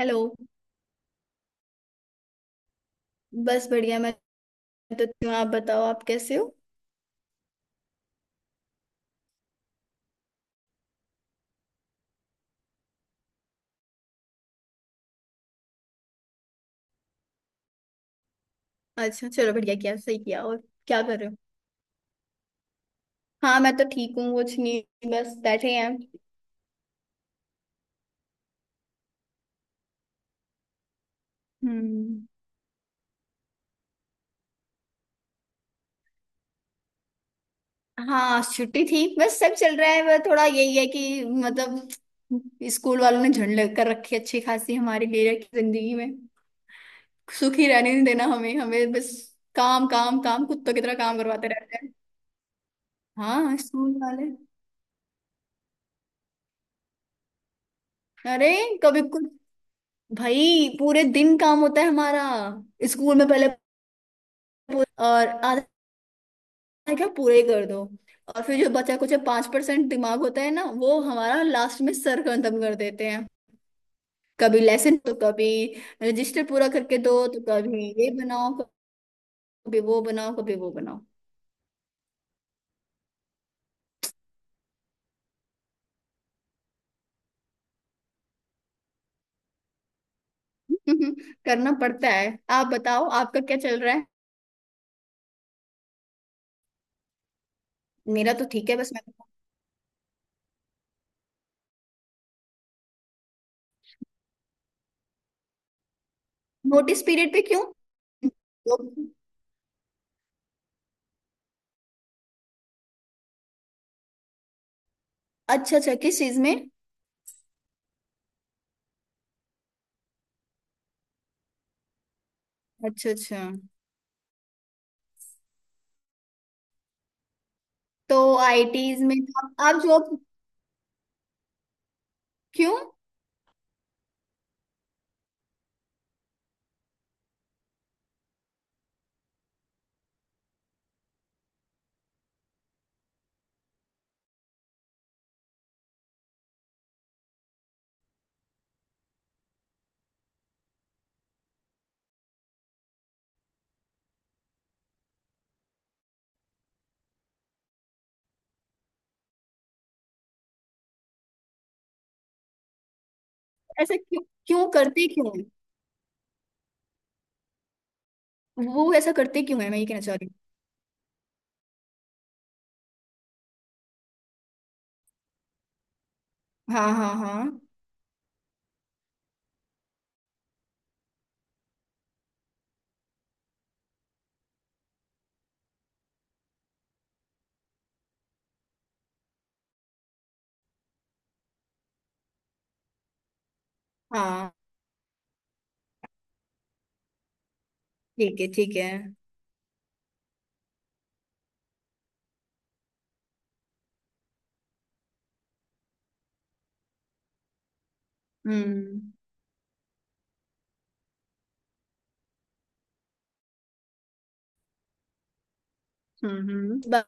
Hello. बस बढ़िया, मैं तो ठीक हूँ। आप बताओ, आप कैसे हो? अच्छा चलो, बढ़िया किया, सही किया। और क्या कर रहे हो? हाँ, मैं तो ठीक हूँ, कुछ नहीं, बस बैठे हैं। हम्म। हाँ, छुट्टी थी, बस सब चल रहा है। वह थोड़ा यही है कि मतलब स्कूल वालों ने झंड लग कर रखी है अच्छी खासी हमारे लिए, कि जिंदगी में सुखी रहने नहीं देना। हमें हमें बस काम काम काम, कुत्तों की तरह काम करवाते रहते हैं। हाँ, स्कूल वाले। अरे, कभी कुछ, भाई पूरे दिन काम होता है हमारा। स्कूल में पहले और आधा, क्या, पूरे ही कर दो। और फिर जो बचा कुछ 5% दिमाग होता है ना, वो हमारा लास्ट में सर खत्म कर देते हैं। कभी लेसन, तो कभी रजिस्टर पूरा करके दो, तो कभी ये बनाओ, कभी वो बनाओ, कभी वो बनाओ। करना पड़ता है। आप बताओ, आपका क्या चल रहा है? मेरा तो ठीक है, बस मैं। नोटिस पीरियड पे क्यों? तो- अच्छा अच्छा, किस चीज में? अच्छा अच्छा। तो आईटीज में तो आप जॉब क्यों? ऐसा क्यों क्यों करते क्यों हैं? वो ऐसा करते क्यों है, मैं ये कहना चाह रही हूँ। हाँ हाँ हाँ। हाँ, ठीक है, ठीक है। हम्म बार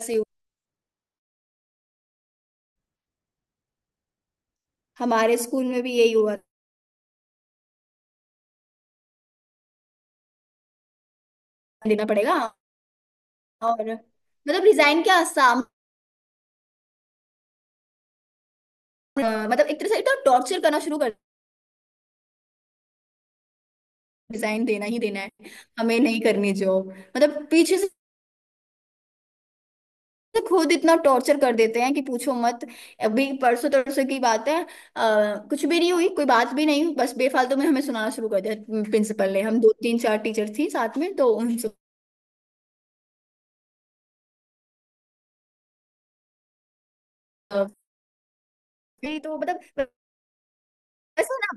ऐसे ही हुआ। हमारे स्कूल में भी यही हुआ, देना पड़ेगा। और मतलब रिजाइन क्या आसाम, मतलब एक तरह से तो टॉर्चर करना शुरू कर, रिजाइन देना ही देना है, हमें नहीं करनी जॉब मतलब, पीछे से तो खुद इतना टॉर्चर कर देते हैं कि पूछो मत। अभी परसों तरसों की बात है, कुछ भी नहीं हुई, कोई बात भी नहीं हुई, बस बेफालतू में हमें सुनाना शुरू कर दिया प्रिंसिपल ने। हम दो तीन चार टीचर थी साथ में, तो उनसे अ, भी तो मतलब, वैसे ना,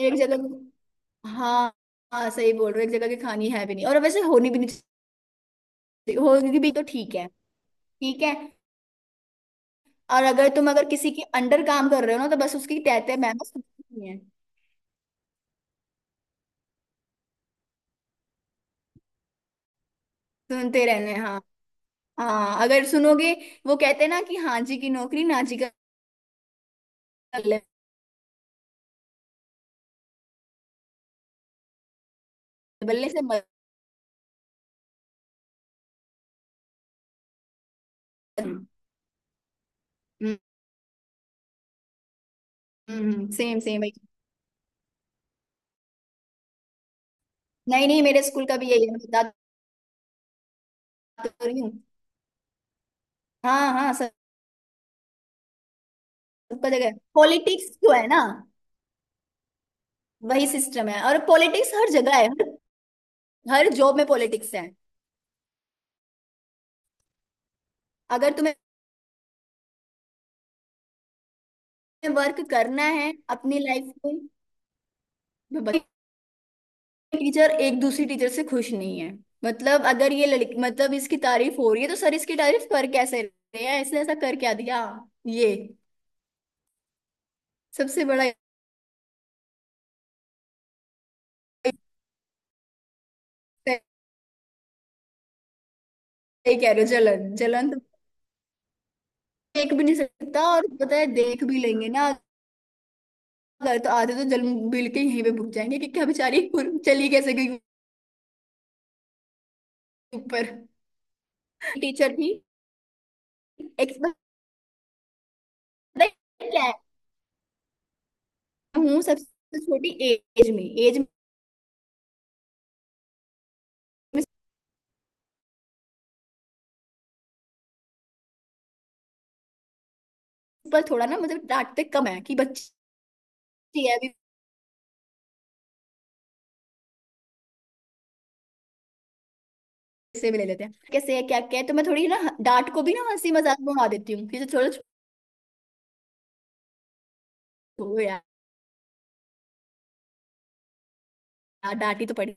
एक जगह, हाँ। हाँ, सही बोल रहे हो, एक जगह की खानी है भी नहीं, और वैसे होनी भी नहीं चाहिए, होगी भी तो ठीक है, ठीक है। और अगर तुम अगर किसी के अंडर काम कर रहे हो ना, तो बस उसकी तहते मैम सुनती है, सुनते रहने, हाँ। हाँ, अगर सुनोगे। वो कहते हैं ना कि हाँ जी की नौकरी, ना जी का बल्ले, बल्ले से मत। सेम सेम, भाई। नहीं नहीं, मेरे स्कूल का भी यही है, मैं बता तो रही हूँ। हाँ हाँ, सबका जगह पॉलिटिक्स जो है ना, वही सिस्टम है, और पॉलिटिक्स हर जगह है, हर हर जॉब में पॉलिटिक्स है। अगर तुम्हें वर्क करना है अपनी लाइफ में, तो टीचर एक दूसरी टीचर से खुश नहीं है। मतलब अगर ये लड़की, मतलब इसकी तारीफ हो रही है, तो सर इसकी तारीफ कर कैसे रहे हैं, इसने ऐसा कर क्या दिया, ये सबसे बड़ा। ये कह रहे हो, जलन जलन, तो देख भी नहीं सकता, और पता है, देख भी लेंगे ना। अगर तो आधे तो जल मिल के यहीं पे भुग जाएंगे कि क्या बेचारी, और चली कैसे गई ऊपर। टीचर थी एक, पता है क्या है, हूँ सबसे छोटी एज में, एज में। पर थोड़ा ना मतलब डांटते कम है कि बच्ची है अभी, से भी ले लेते हैं, कैसे है क्या क्या है, तो मैं थोड़ी ना डांट को भी ना हंसी मजाक में उड़ा देती हूँ कि जो छोड़ो, छोड़ो यार, डांटी तो पड़ी।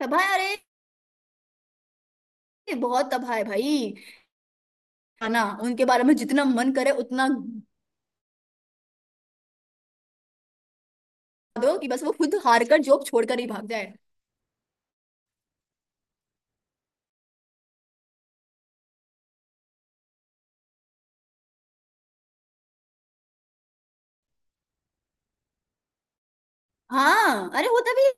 तबाह, अरे बहुत तबाह है, भाई। है ना, उनके बारे में जितना मन करे उतना दो कि बस वो खुद हार कर जॉब छोड़कर ही भाग जाए। हाँ, अरे होता भी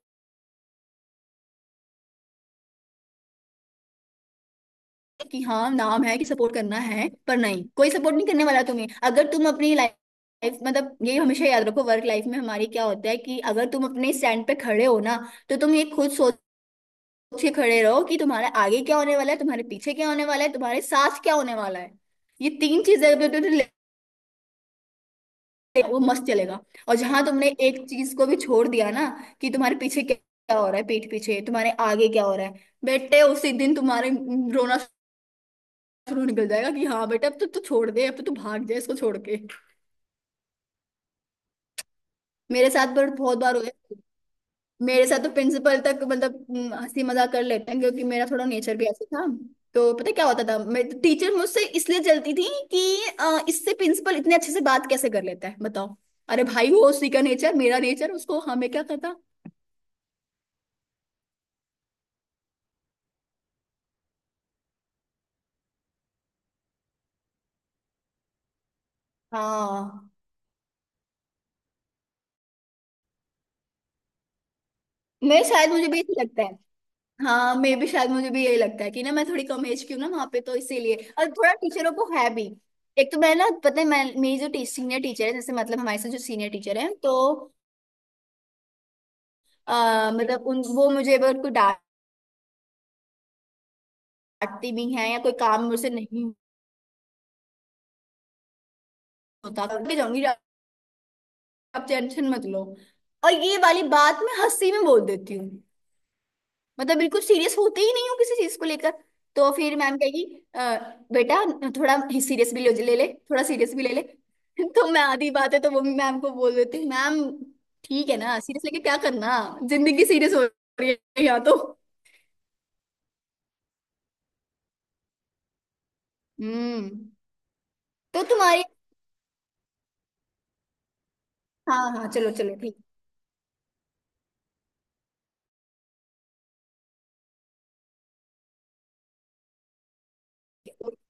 है कि हाँ, नाम है कि सपोर्ट करना है, पर नहीं, कोई सपोर्ट नहीं करने वाला तुम्हें। अगर तुम अपनी लाइफ, मतलब ये हमेशा याद रखो, वर्क लाइफ में हमारी क्या होता है कि अगर तुम अपने स्टैंड पे खड़े हो ना, तो तुम ये खुद सोच के खड़े रहो कि तुम्हारे आगे क्या होने वाला है, तुम्हारे पीछे क्या होने वाला है, तुम्हारे साथ क्या होने वाला है। ये तीन चीजें अगर तुम चलेगा, वो मस्त चलेगा। और जहां तुमने एक चीज को भी छोड़ दिया ना कि तुम्हारे पीछे क्या क्या हो रहा है पीठ पीछे, तुम्हारे आगे क्या हो रहा है, बेटे उसी दिन तुम्हारे रोना शुरू निकल जाएगा कि हाँ बेटा, अब तो तू छोड़ दे, अब तो तू भाग जाए इसको छोड़ के। मेरे साथ पर बहुत बार हुआ है। मेरे साथ तो प्रिंसिपल तक मतलब हंसी मजाक कर लेते हैं, क्योंकि मेरा थोड़ा नेचर भी ऐसा था। तो पता क्या होता था, मैं टीचर मुझसे इसलिए जलती थी कि इससे प्रिंसिपल इतने अच्छे से बात कैसे कर लेता है, बताओ। अरे भाई, वो उसी का नेचर, मेरा नेचर, उसको हमें क्या पता। हाँ, मैं शायद, मुझे भी यही लगता है। हाँ, मे भी शायद मुझे भी यही लगता है कि ना मैं थोड़ी कम एज की हूँ ना वहाँ पे, तो इसीलिए, और थोड़ा टीचरों को है भी। एक तो मैं ना, पता है, मैं मेरी जो सीनियर टीचर है, जैसे मतलब हमारे साथ जो सीनियर टीचर है, तो मतलब उन वो मुझे अगर कोई डांटती भी है या कोई काम मुझसे नहीं होता, करके जाऊंगी, आप टेंशन मत लो। और ये वाली बात मैं हंसी में बोल देती हूँ, मतलब बिल्कुल सीरियस होते ही नहीं हो किसी चीज को लेकर। तो फिर मैम कहेगी, "अ, बेटा, थोड़ा सीरियस भी ले ले ले, थोड़ा सीरियस भी ले ले।" तो मैं आधी बात है तो वो भी मैम को बोल देती हूँ, मैम ठीक है ना, सीरियस लेके क्या करना, जिंदगी सीरियस हो रही है यहाँ तो। हम्म। तो तुम्हारी, हाँ हाँ, चलो चलो, ठीक है।